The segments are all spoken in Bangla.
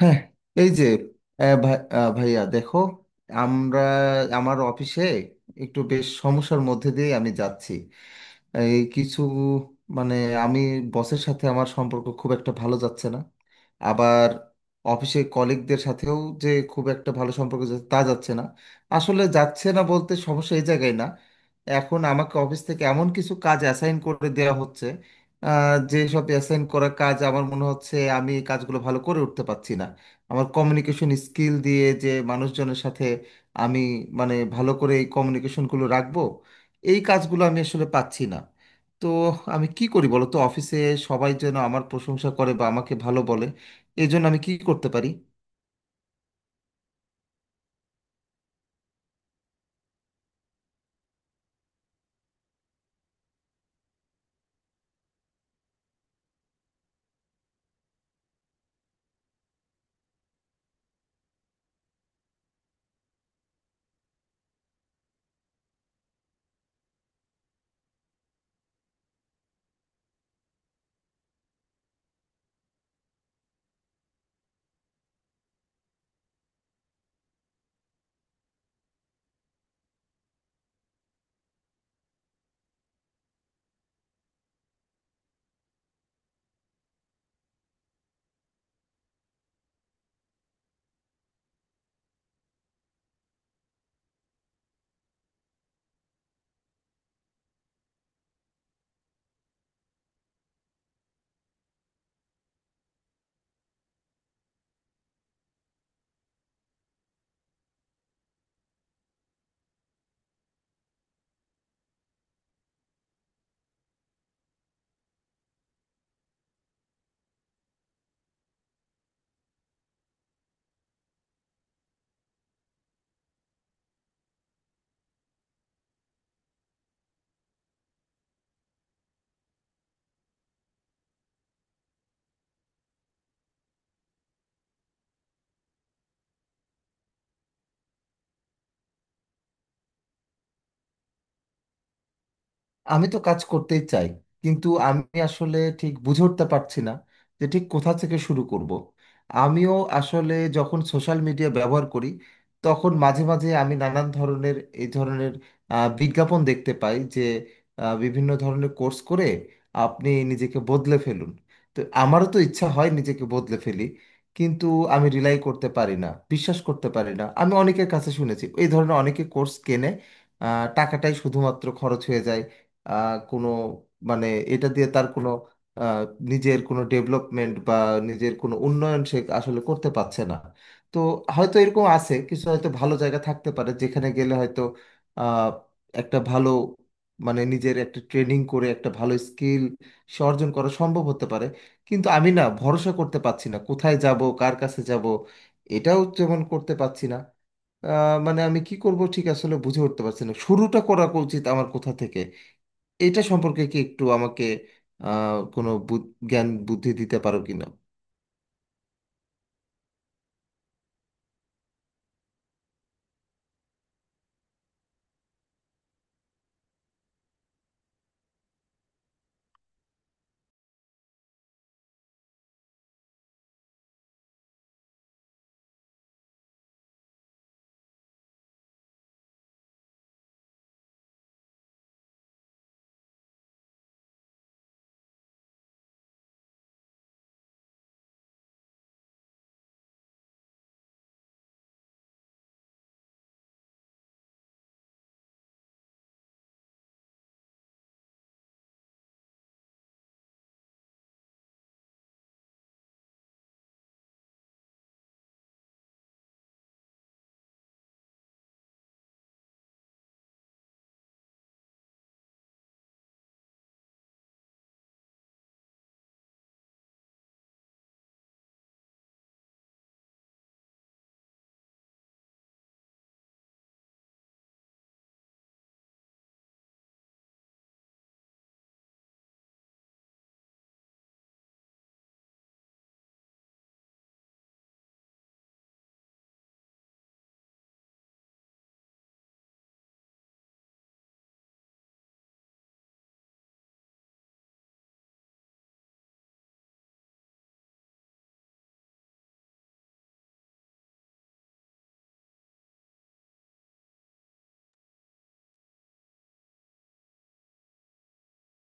হ্যাঁ। এই যে, ভাইয়া, দেখো, আমরা আমার অফিসে একটু বেশ সমস্যার মধ্যে দিয়ে আমি যাচ্ছি। এই কিছু মানে আমি বসের সাথে আমার সম্পর্ক খুব একটা ভালো যাচ্ছে না। আবার অফিসে কলিগদের সাথেও যে খুব একটা ভালো সম্পর্ক যাচ্ছে তা যাচ্ছে না। আসলে যাচ্ছে না বলতে সমস্যা এই জায়গায় না। এখন আমাকে অফিস থেকে এমন কিছু কাজ অ্যাসাইন করে দেওয়া হচ্ছে যে সব অ্যাসাইন করা কাজ আমার মনে হচ্ছে আমি এই কাজগুলো ভালো করে উঠতে পারছি না। আমার কমিউনিকেশন স্কিল দিয়ে যে মানুষজনের সাথে আমি মানে ভালো করে এই কমিউনিকেশনগুলো রাখবো, এই কাজগুলো আমি আসলে পাচ্ছি না। তো আমি কি করি বলো তো, অফিসে সবাই যেন আমার প্রশংসা করে বা আমাকে ভালো বলে, এই জন্য আমি কি করতে পারি? আমি তো কাজ করতেই চাই, কিন্তু আমি আসলে ঠিক বুঝে উঠতে পারছি না যে ঠিক কোথা থেকে শুরু করব। আমিও আসলে যখন সোশ্যাল মিডিয়া ব্যবহার করি, তখন মাঝে মাঝে আমি নানান ধরনের এই ধরনের বিজ্ঞাপন দেখতে পাই যে বিভিন্ন ধরনের কোর্স করে আপনি নিজেকে বদলে ফেলুন। তো আমারও তো ইচ্ছা হয় নিজেকে বদলে ফেলি, কিন্তু আমি রিলাই করতে পারি না, বিশ্বাস করতে পারি না। আমি অনেকের কাছে শুনেছি এই ধরনের অনেকে কোর্স কেনে, টাকাটাই শুধুমাত্র খরচ হয়ে যায়। আহ, কোনো মানে এটা দিয়ে তার কোনো, আহ, নিজের কোনো ডেভেলপমেন্ট বা নিজের কোনো উন্নয়ন সে আসলে করতে পারছে না। তো হয়তো এরকম আছে, কিছু হয়তো ভালো জায়গা থাকতে পারে যেখানে গেলে হয়তো আহ, একটা ভালো, মানে নিজের একটা ট্রেনিং করে একটা ভালো স্কিল সে অর্জন করা সম্ভব হতে পারে। কিন্তু আমি না, ভরসা করতে পারছি না, কোথায় যাব কার কাছে যাব এটাও যেমন করতে পারছি না। মানে আমি কি করব ঠিক আসলে বুঝে উঠতে পারছি না, শুরুটা করা উচিত আমার কোথা থেকে এটা সম্পর্কে কি একটু আমাকে কোনো জ্ঞান বুদ্ধি দিতে পারো কিনা?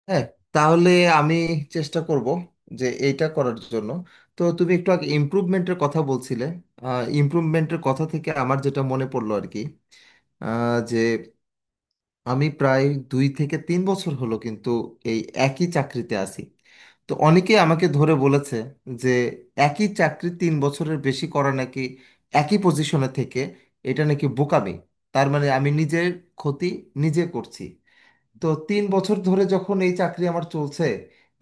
হ্যাঁ, তাহলে আমি চেষ্টা করব যে এইটা করার জন্য। তো তুমি একটু আগে ইমপ্রুভমেন্টের কথা বলছিলে, ইমপ্রুভমেন্টের কথা থেকে আমার যেটা মনে পড়লো আর কি, আহ, যে আমি প্রায় 2 থেকে 3 বছর হলো কিন্তু এই একই চাকরিতে আছি। তো অনেকেই আমাকে ধরে বলেছে যে একই চাকরি 3 বছরের বেশি করা নাকি, একই পজিশনে থেকে, এটা নাকি বোকামি। তার মানে আমি নিজের ক্ষতি নিজে করছি। তো 3 বছর ধরে যখন এই চাকরি আমার চলছে,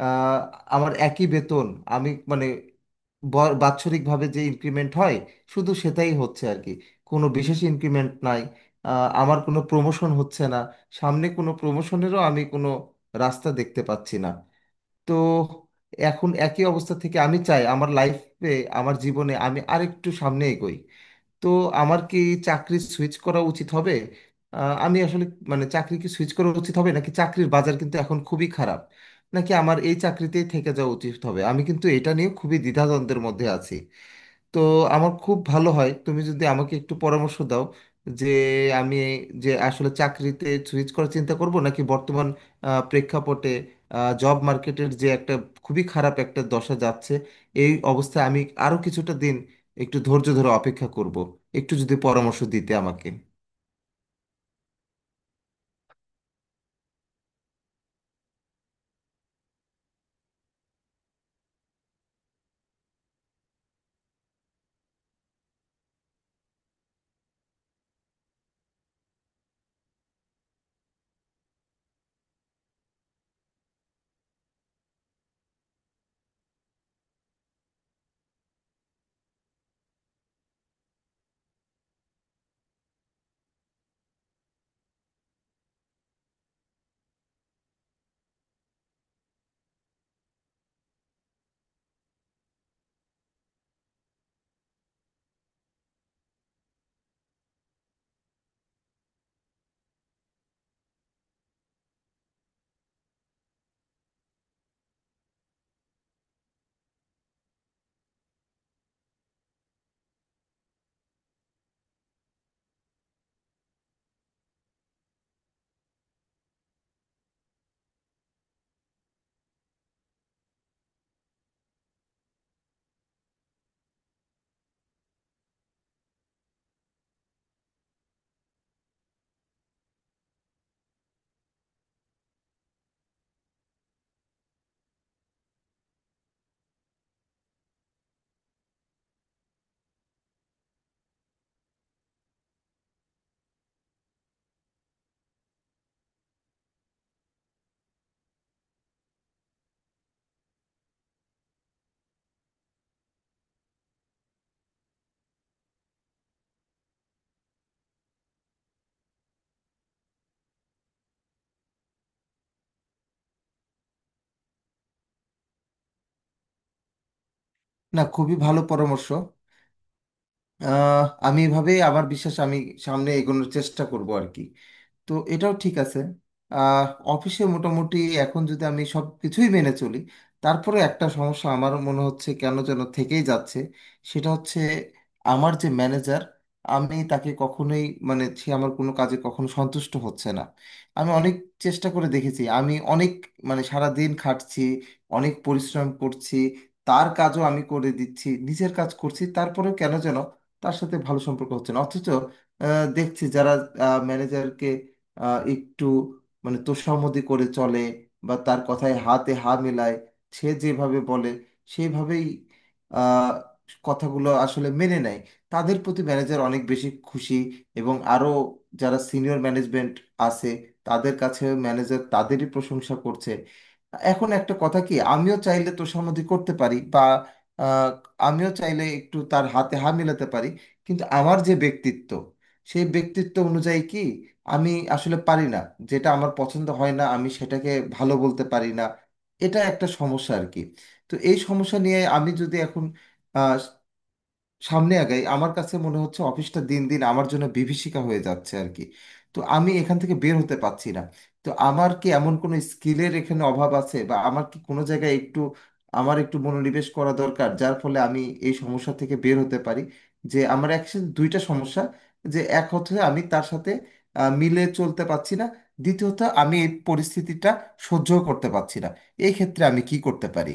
আহ, আমার একই বেতন। আমি মানে বাৎসরিকভাবে যে ইনক্রিমেন্ট হয় শুধু সেটাই হচ্ছে আর কি, কোনো বিশেষ ইনক্রিমেন্ট নাই। আমার কোনো প্রমোশন হচ্ছে না, সামনে কোনো প্রমোশনেরও আমি কোনো রাস্তা দেখতে পাচ্ছি না। তো এখন একই অবস্থা থেকে আমি চাই আমার লাইফে, আমার জীবনে আমি আরেকটু সামনে এগোই। তো আমার কি চাকরি সুইচ করা উচিত হবে? আমি আসলে মানে চাকরি কি সুইচ করা উচিত হবে, নাকি চাকরির বাজার কিন্তু এখন খুবই খারাপ, নাকি আমার এই চাকরিতেই থেকে যাওয়া উচিত হবে, আমি কিন্তু এটা নিয়ে খুবই দ্বিধাদ্বন্দ্বের মধ্যে আছি। তো আমার খুব ভালো হয় তুমি যদি আমাকে একটু পরামর্শ দাও, যে আমি যে আসলে চাকরিতে সুইচ করার চিন্তা করব নাকি বর্তমান প্রেক্ষাপটে জব মার্কেটের যে একটা খুবই খারাপ একটা দশা যাচ্ছে এই অবস্থায় আমি আরও কিছুটা দিন একটু ধৈর্য ধরে অপেক্ষা করব, একটু যদি পরামর্শ দিতে আমাকে। না, খুবই ভালো পরামর্শ। আহ, আমি এভাবে আমার বিশ্বাস আমি সামনে এগোনোর চেষ্টা করব আর কি। তো এটাও ঠিক আছে। আহ, অফিসে মোটামুটি এখন যদি আমি সব কিছুই মেনে চলি, তারপরে একটা সমস্যা আমার মনে হচ্ছে কেন যেন থেকেই যাচ্ছে। সেটা হচ্ছে, আমার যে ম্যানেজার, আমি তাকে কখনোই, মানে সে আমার কোনো কাজে কখনো সন্তুষ্ট হচ্ছে না। আমি অনেক চেষ্টা করে দেখেছি, আমি অনেক, মানে সারা দিন খাটছি, অনেক পরিশ্রম করছি, তার কাজও আমি করে দিচ্ছি, নিজের কাজ করছি, তারপরেও কেন যেন তার সাথে ভালো সম্পর্ক হচ্ছে না। অথচ দেখছি যারা ম্যানেজারকে একটু, মানে তোষামোদী করে চলে বা তার কথায় হাতে হা মেলায়, সে যেভাবে বলে সেইভাবেই আহ, কথাগুলো আসলে মেনে নেয়, তাদের প্রতি ম্যানেজার অনেক বেশি খুশি। এবং আরও যারা সিনিয়র ম্যানেজমেন্ট আছে, তাদের কাছে ম্যানেজার তাদেরই প্রশংসা করছে। এখন একটা কথা কি, আমিও চাইলে তোষামোদী করতে পারি বা আমিও চাইলে একটু তার হাতে হাত মেলাতে পারি, কিন্তু আমার যে ব্যক্তিত্ব, সেই ব্যক্তিত্ব অনুযায়ী কি আমি আসলে পারি না, যেটা আমার পছন্দ হয় না আমি সেটাকে ভালো বলতে পারি না। এটা একটা সমস্যা আর কি। তো এই সমস্যা নিয়ে আমি যদি এখন সামনে আগাই, আমার কাছে মনে হচ্ছে অফিসটা দিন দিন আমার জন্য বিভীষিকা হয়ে যাচ্ছে আর কি। তো আমি এখান থেকে বের হতে পারছি না। তো আমার কি এমন কোনো স্কিলের এখানে অভাব আছে, বা আমার কি কোনো জায়গায় একটু, আমার একটু মনোনিবেশ করা দরকার যার ফলে আমি এই সমস্যা থেকে বের হতে পারি। যে আমার অ্যাকচুয়ালি 2টা সমস্যা, যে এক হচ্ছে আমি তার সাথে মিলে চলতে পারছি না, দ্বিতীয়ত আমি এই পরিস্থিতিটা সহ্য করতে পারছি না। এই ক্ষেত্রে আমি কি করতে পারি?